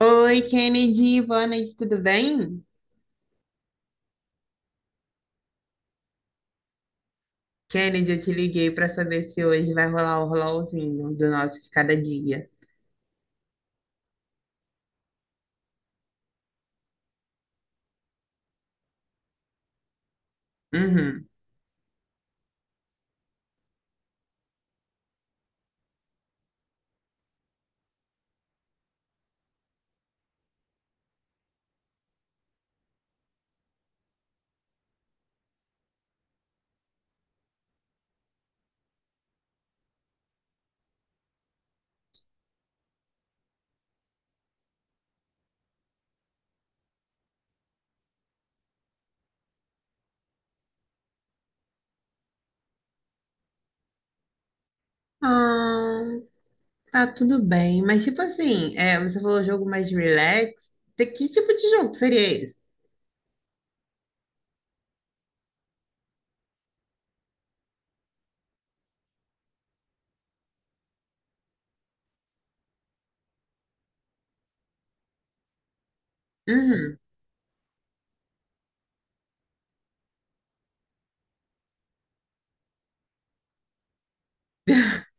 Oi, Kennedy, boa noite, tudo bem? Kennedy, eu te liguei para saber se hoje vai rolar o rolãozinho do nosso de cada dia. Uhum. Ah, tá tudo bem, mas tipo assim, é, você falou jogo mais relax. Que tipo de jogo seria esse? Uhum.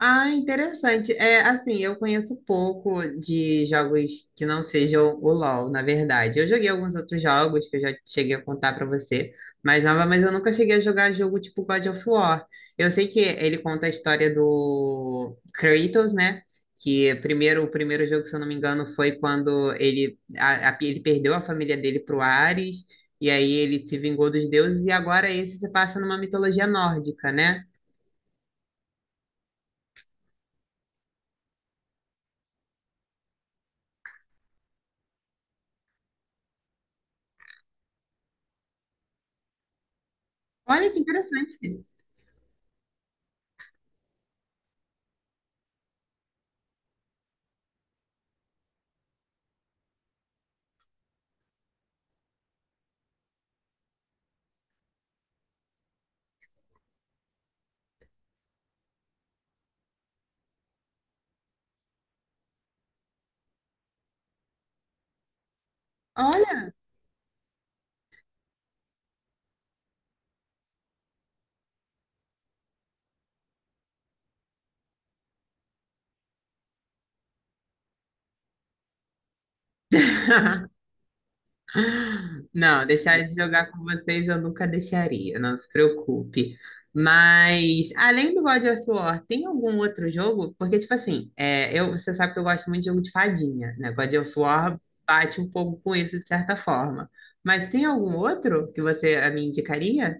Ah, interessante. É, assim, eu conheço pouco de jogos que não sejam o LoL, na verdade. Eu joguei alguns outros jogos que eu já cheguei a contar pra você, mas eu nunca cheguei a jogar jogo tipo God of War. Eu sei que ele conta a história do Kratos, né? Que primeiro, o primeiro jogo, se eu não me engano, foi quando ele, ele perdeu a família dele pro Ares, e aí ele se vingou dos deuses, e agora esse se passa numa mitologia nórdica, né? Olha que interessante. Olha. Não, deixar de jogar com vocês eu nunca deixaria, não se preocupe. Mas, além do God of War, tem algum outro jogo? Porque, tipo assim, é, eu, você sabe que eu gosto muito de jogo de fadinha, né? God of War bate um pouco com isso, de certa forma. Mas tem algum outro que você a me indicaria?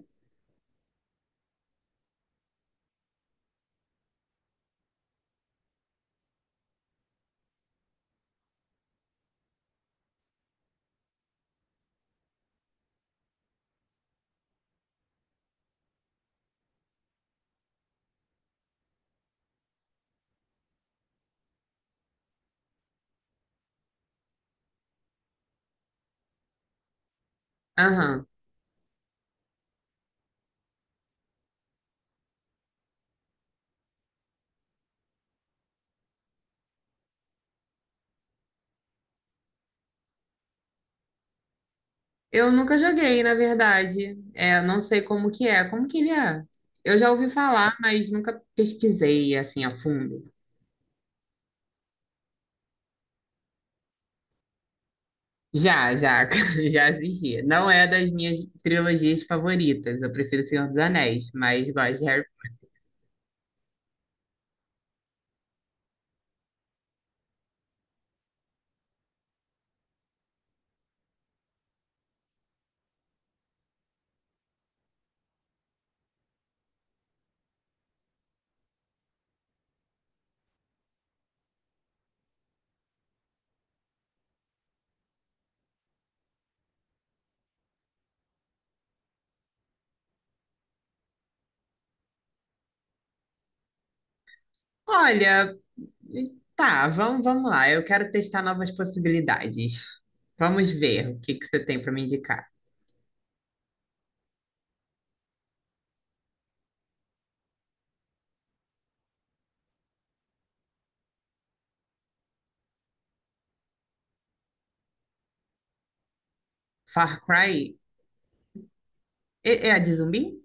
Aham. Eu nunca joguei, na verdade. É, eu não sei como que é. Como que ele é? Eu já ouvi falar, mas nunca pesquisei, assim, a fundo. Já, já, já assisti. Não é das minhas trilogias favoritas. Eu prefiro Senhor dos Anéis, mas gosto de Harry. Olha, tá, vamos lá. Eu quero testar novas possibilidades. Vamos ver o que que você tem para me indicar. Far Cry é, é a de zumbi?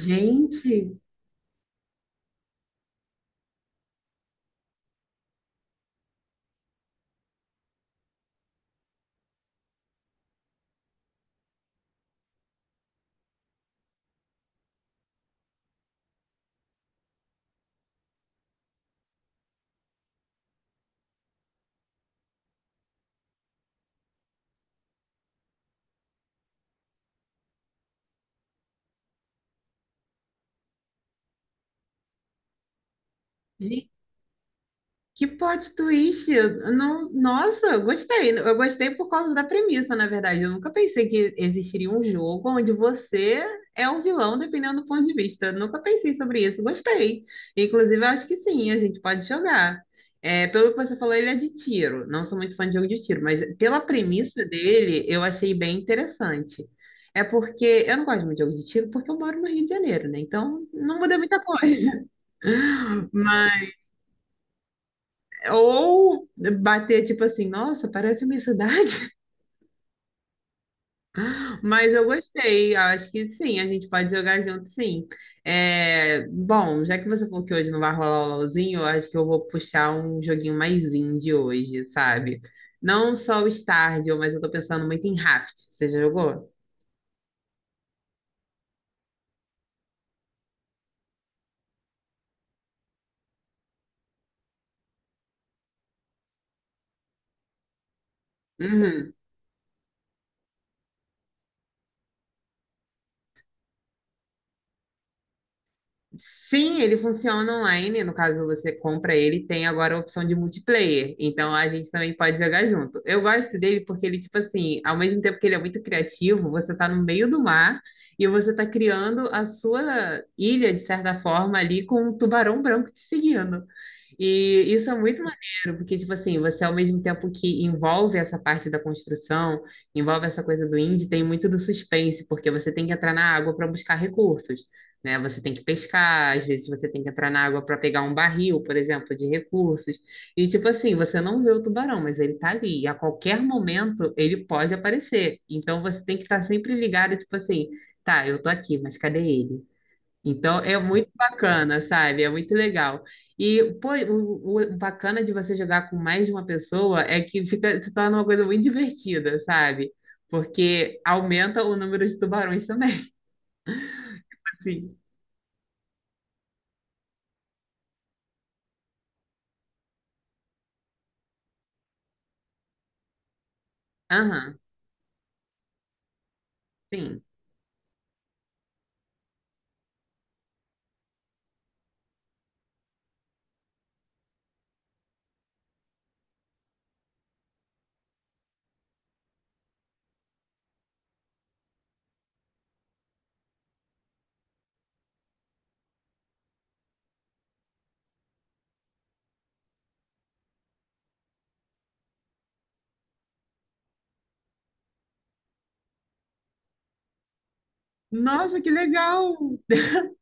Gente, gente, que plot twist! Eu Não, nossa, eu gostei. Eu gostei por causa da premissa, na verdade. Eu nunca pensei que existiria um jogo onde você é o vilão, dependendo do ponto de vista. Eu nunca pensei sobre isso. Gostei. Inclusive, eu acho que sim, a gente pode jogar. É, pelo que você falou, ele é de tiro. Não sou muito fã de jogo de tiro, mas pela premissa dele, eu achei bem interessante. É porque eu não gosto muito de jogo de tiro porque eu moro no Rio de Janeiro, né? Então não muda muita coisa. Mas ou bater tipo assim, nossa, parece a minha cidade. Mas eu gostei, acho que sim, a gente pode jogar junto, sim. É, bom, já que você falou que hoje não vai rolar o LOLzinho, eu acho que eu vou puxar um joguinho mais indie hoje, sabe? Não só o Stardew, mas eu tô pensando muito em Raft. Você já jogou? Uhum. Sim, ele funciona online. No caso, você compra ele, e tem agora a opção de multiplayer. Então a gente também pode jogar junto. Eu gosto dele porque ele, tipo assim, ao mesmo tempo que ele é muito criativo, você tá no meio do mar e você tá criando a sua ilha, de certa forma, ali com um tubarão branco te seguindo. E isso é muito maneiro, porque, tipo assim, você ao mesmo tempo que envolve essa parte da construção, envolve essa coisa do indie, tem muito do suspense, porque você tem que entrar na água para buscar recursos né? Você tem que pescar, às vezes você tem que entrar na água para pegar um barril, por exemplo, de recursos. E tipo assim, você não vê o tubarão, mas ele tá ali. E a qualquer momento ele pode aparecer. Então você tem que estar sempre ligado, tipo assim, tá, eu tô aqui, mas cadê ele? Então é muito bacana, sabe? É muito legal. E pô, o bacana de você jogar com mais de uma pessoa é que fica se torna uma coisa muito divertida, sabe? Porque aumenta o número de tubarões também. Assim. Aham, sim. Nossa, que legal!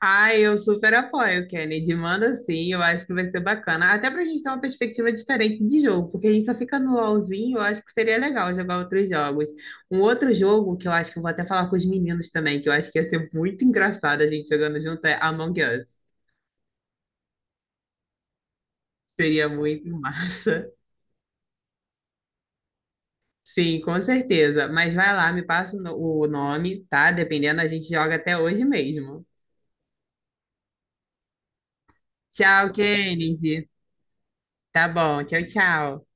Ai, eu super apoio, Kennedy. Manda sim, eu acho que vai ser bacana. Até pra gente ter uma perspectiva diferente de jogo, porque a gente só fica no LOLzinho, eu acho que seria legal jogar outros jogos. Um outro jogo que eu acho que eu vou até falar com os meninos também, que eu acho que ia ser muito engraçado a gente jogando junto, é Among Us. Seria muito massa. Sim, com certeza. Mas vai lá, me passa o no- o nome, tá? Dependendo, a gente joga até hoje mesmo. Tchau, Kennedy. Tá bom, tchau, tchau.